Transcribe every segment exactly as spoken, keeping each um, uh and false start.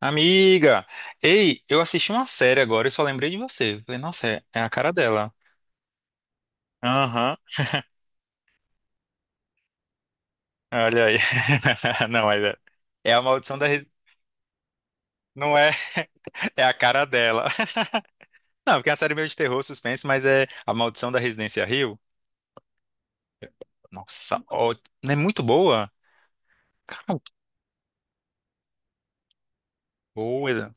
Amiga, ei, eu assisti uma série agora e só lembrei de você. Falei, nossa, é, é a cara dela. Aham, olha aí. Não, mas é, é a maldição da. Res- Não é, é a cara dela. Não, porque é uma série meio de terror, suspense, mas é a maldição da Residência Rio. Nossa, ó, não é muito boa? Cara, que coisa.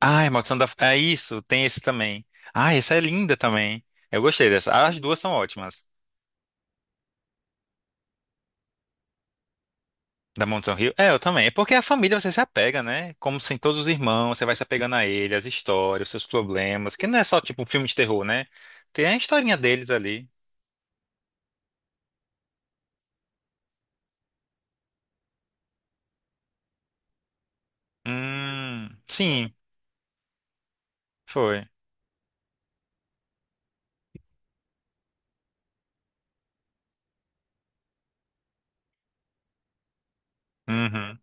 Ah, é maldição da. É isso, tem esse também. Ah, essa é linda também. Eu gostei dessa. As duas são ótimas. Da Mansão Rio? É, eu também. É porque a família você se apega, né? Como sem todos os irmãos, você vai se apegando a ele, as histórias, os seus problemas. Que não é só tipo um filme de terror, né? Tem a historinha deles ali. Hum, sim, foi. Uhum.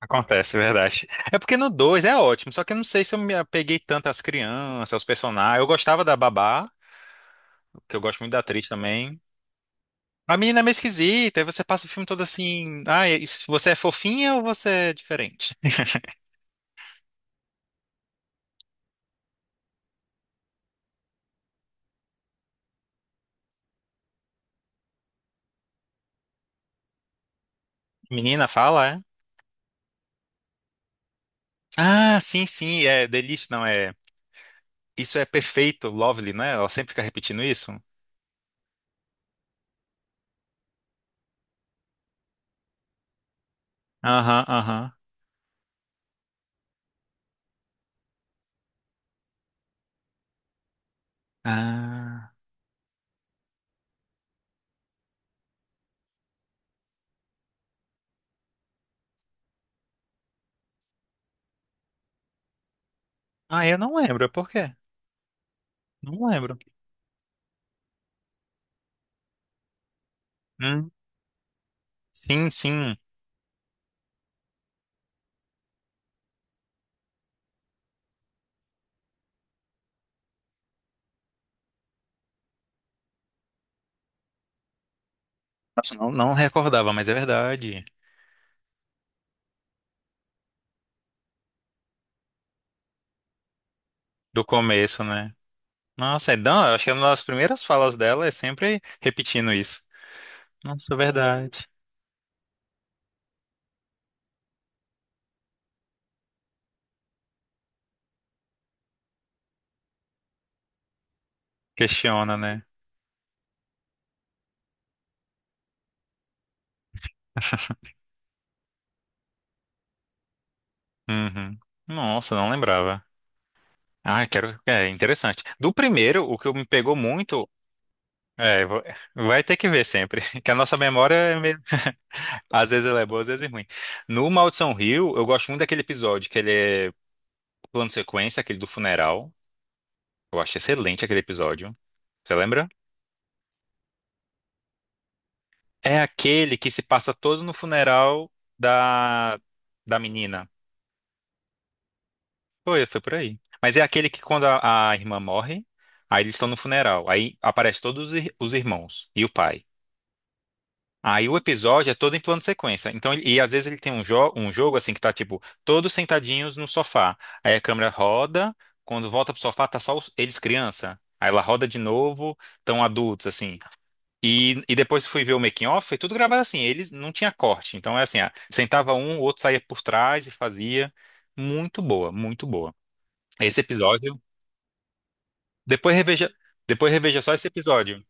Acontece, é verdade. É porque no dois é ótimo, só que eu não sei se eu me apeguei tanto às crianças, aos personagens. Eu gostava da Babá, que eu gosto muito da atriz também. A menina é meio esquisita, aí você passa o filme todo assim. Ah, e- e se você é fofinha ou você é diferente? Menina, fala, é? Ah, sim, sim, é delícia, não é? Isso é perfeito, lovely, não é? Ela sempre fica repetindo isso. Aham, aham. Ah, ah, eu não lembro, por quê? Não lembro. Hum, sim, sim. Nossa, não, não recordava, mas é verdade. Do começo, né? Nossa, é, eu acho que é uma das primeiras falas dela é sempre repetindo isso. Nossa, é verdade. Questiona, né? Uhum. Nossa, não lembrava. Ah, quero. É interessante. Do primeiro, o que me pegou muito. É, vo- vai ter que ver sempre. Que a nossa memória é meio... às vezes ela é boa, às vezes é ruim. No Maldição Rio, eu gosto muito daquele episódio que ele é plano sequência, aquele do funeral. Eu acho excelente aquele episódio. Você lembra? É aquele que se passa todo no funeral da da menina. Foi, foi por aí. Mas é aquele que quando a, a irmã morre, aí eles estão no funeral. Aí aparecem todos os ir- os irmãos e o pai. Aí o episódio é todo em plano de sequência. Então, ele- e às vezes ele tem um, jo um jogo assim que tá tipo todos sentadinhos no sofá. Aí a câmera roda, quando volta pro sofá tá só os- eles criança. Aí ela roda de novo, tão adultos assim. E, e depois fui ver o making off, foi tudo gravado assim, eles não tinha corte. Então é assim, ah, sentava um, o outro saía por trás e fazia. Muito boa, muito boa. Esse episódio, depois reveja, depois reveja só esse episódio.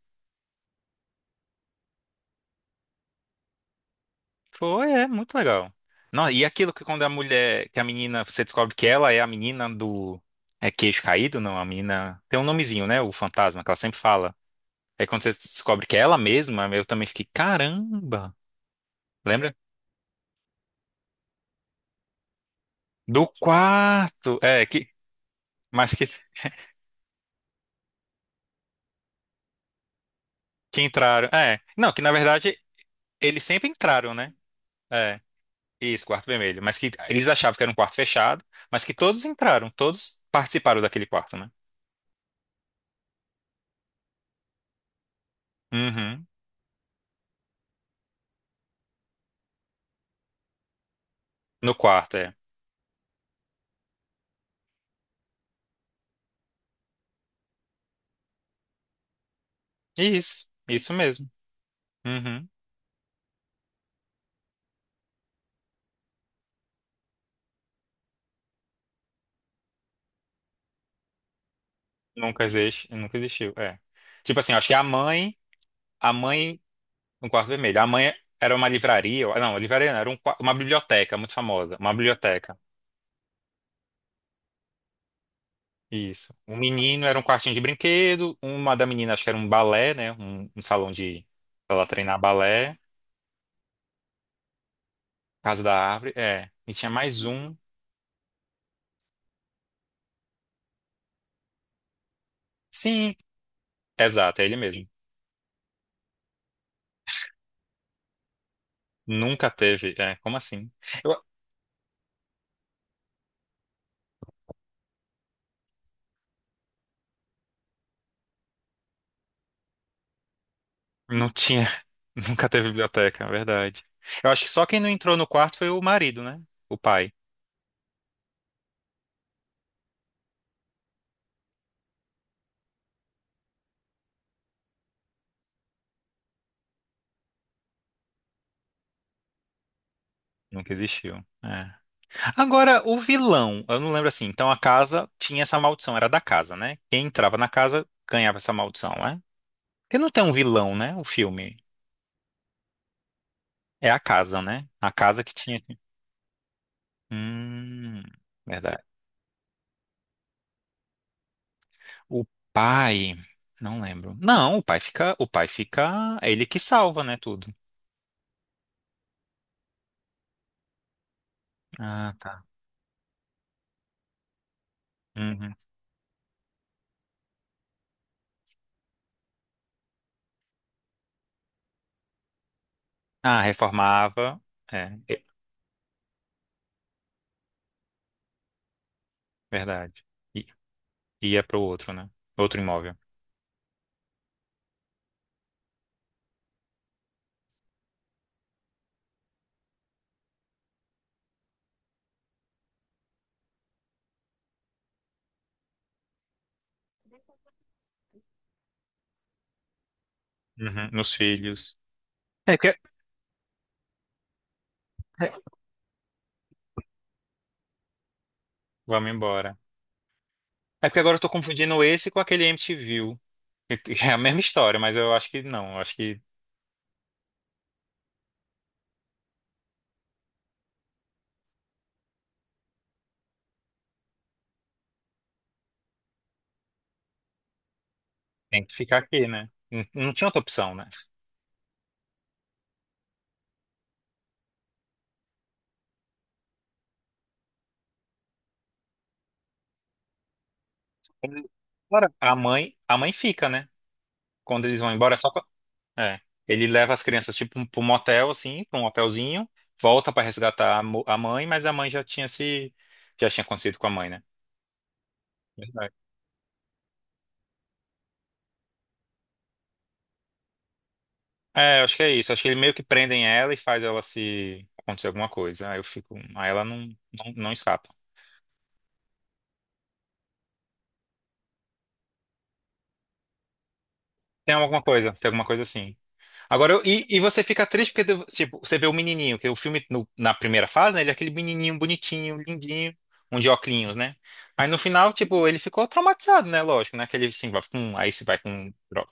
Foi, é muito legal. Não, e aquilo que quando a mulher, que a menina, você descobre que ela é a menina do. É queixo caído? Não, a menina. Tem um nomezinho, né? O fantasma, que ela sempre fala. Aí quando você descobre que é ela mesma, eu também fiquei, caramba! Lembra? Do quarto! É, que. Mas que, que entraram. É. Não, que na verdade eles sempre entraram, né? É. Isso, quarto vermelho. Mas que eles achavam que era um quarto fechado, mas que todos entraram, todos participaram daquele quarto, né? Uhum. No quarto, é. Isso, isso mesmo. Uhum. Nunca existe, nunca existiu, é. Tipo assim, acho que a mãe, a mãe, um quarto vermelho, a mãe era uma livraria, ou- não, livraria não, era um qua- uma biblioteca muito famosa, uma biblioteca, isso. O menino era um quartinho de brinquedo, uma da menina acho que era um balé, né, um, um salão de, pra ela treinar balé, Casa da Árvore, é. E tinha mais um, sim, exato, é ele mesmo. Nunca teve, é, como assim? Eu, não tinha. Nunca teve biblioteca, é verdade. Eu acho que só quem não entrou no quarto foi o marido, né? O pai. Nunca existiu. É. Agora, o vilão, eu não lembro assim. Então a casa tinha essa maldição, era da casa, né? Quem entrava na casa ganhava essa maldição, né? Porque não tem um vilão, né? O filme. É a casa, né? A casa que tinha. Hum, verdade. O pai. Não lembro. Não, o pai fica. O pai fica. É ele que salva, né? Tudo. Ah, tá. Uhum. Ah, reformava. É. Verdade. I- ia pro outro, né? Outro imóvel. Uhum. Nos filhos. É porque... é, vamos embora. É porque agora eu tô confundindo esse com aquele M T V. E- e é a mesma história, mas eu acho que não. Eu acho que tem que ficar aqui, né? Não não tinha outra opção, né? Ele- Ora, a mãe, a mãe fica, né? Quando eles vão embora, é só. Co- É. Ele leva as crianças, tipo, pra um motel, assim, pra um hotelzinho, volta pra resgatar a mo- a mãe, mas a mãe já tinha se. Já tinha acontecido com a mãe, né? É, eu acho que é isso. Acho que eles meio que prendem ela e faz ela se acontecer alguma coisa. Aí eu fico. Aí ela não, não, não escapa. Tem alguma coisa, tem alguma coisa assim. Agora, eu- e, e você fica triste porque, tipo, você vê o menininho, que o filme, no- na primeira fase, né, ele é aquele menininho bonitinho, lindinho, um de óculos, né? Aí no final, tipo, ele ficou traumatizado, né? Lógico, né? Que ele, assim, vai com, aí você vai com droga.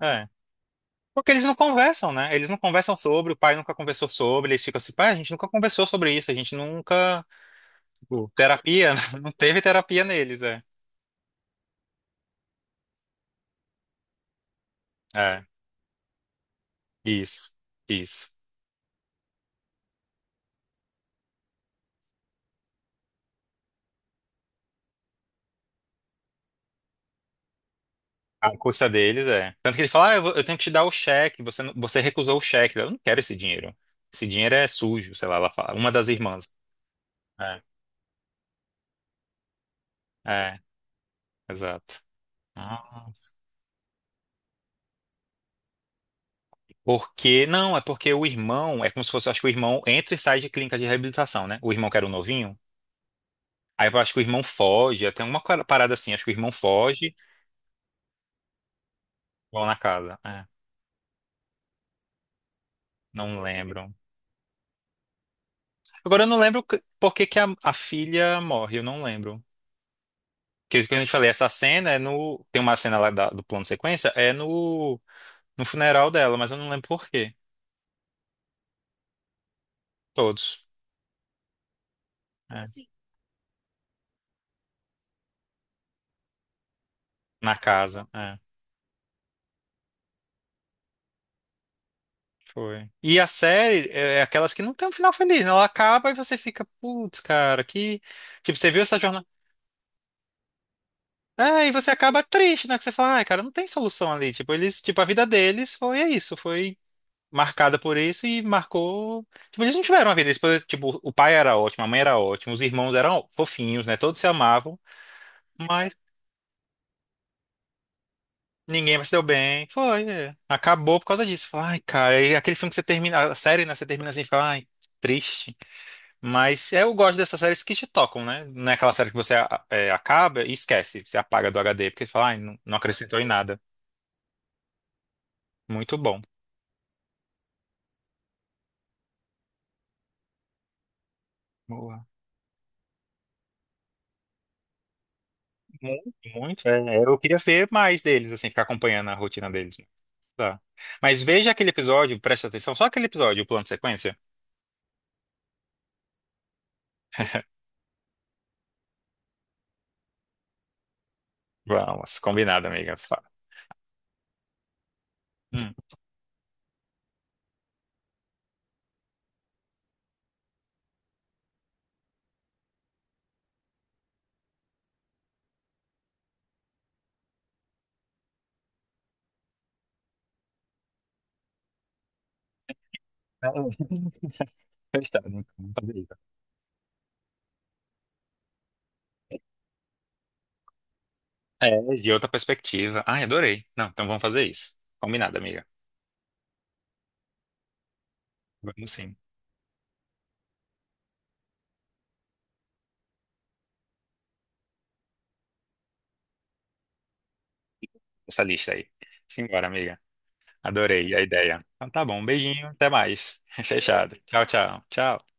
É. Porque eles não conversam, né? Eles não conversam sobre, o pai nunca conversou sobre, eles ficam assim, pai, a gente nunca conversou sobre isso, a gente nunca. O Terapia? Não teve terapia neles, é. É, isso, isso. A custa deles é. Tanto que ele fala, ah, eu, vou- eu tenho que te dar o cheque, você, não- você recusou o cheque. Eu não quero esse dinheiro. Esse dinheiro é sujo, sei lá, ela fala. Uma das irmãs. É, é, exato. Nossa. Porque, não, é porque o irmão, é como se fosse, eu acho que o irmão entra e sai de clínica de reabilitação, né? O irmão que era o novinho. Aí eu acho que o irmão foge, até uma parada assim, acho que o irmão foge, vão na casa. É, não lembro. Agora eu não lembro que- por que que a, a filha morre, eu não lembro. Porque, como eu te falei, essa cena é no. Tem uma cena lá da- do plano de sequência, é no, no funeral dela, mas eu não lembro por quê. Todos. É. Na casa, é. Foi. E a série é é aquelas que não tem um final feliz, né? Ela acaba e você fica, putz, cara, que. Tipo, você viu essa jornada. É, e você acaba triste, né? Que você fala, ai, cara, não tem solução ali. Tipo, eles, tipo, a vida deles foi é isso, foi. Marcada por isso e marcou. Tipo, eles não tiveram uma vida. Eles, tipo, o pai era ótimo, a mãe era ótima, os irmãos eram fofinhos, né? Todos se amavam, mas ninguém mais se deu bem. Foi, é. Acabou por causa disso. Fala, ai, cara, e aquele filme que você termina, a série, né? Você termina assim e fica, ai, triste. Mas é, eu gosto dessas séries que te tocam, né? Não é aquela série que você a- é, acaba e esquece, você apaga do H D, porque fala, ai, não, não acrescentou em nada. Muito bom. Boa. Muito, muito. É, eu queria ver mais deles, assim, ficar acompanhando a rotina deles. Tá. Mas veja aquele episódio, preste atenção, só aquele episódio, o plano de sequência. Vamos, combinado, amiga. Fa- Hum. Fechado, né? Vamos fazer isso. É, de outra perspectiva. Ai, adorei. Não, então vamos fazer isso. Combinado, amiga. Vamos sim. Essa lista aí. Simbora, amiga. Adorei a ideia. Então tá bom, um beijinho, até mais. Fechado. Tchau, tchau. Tchau.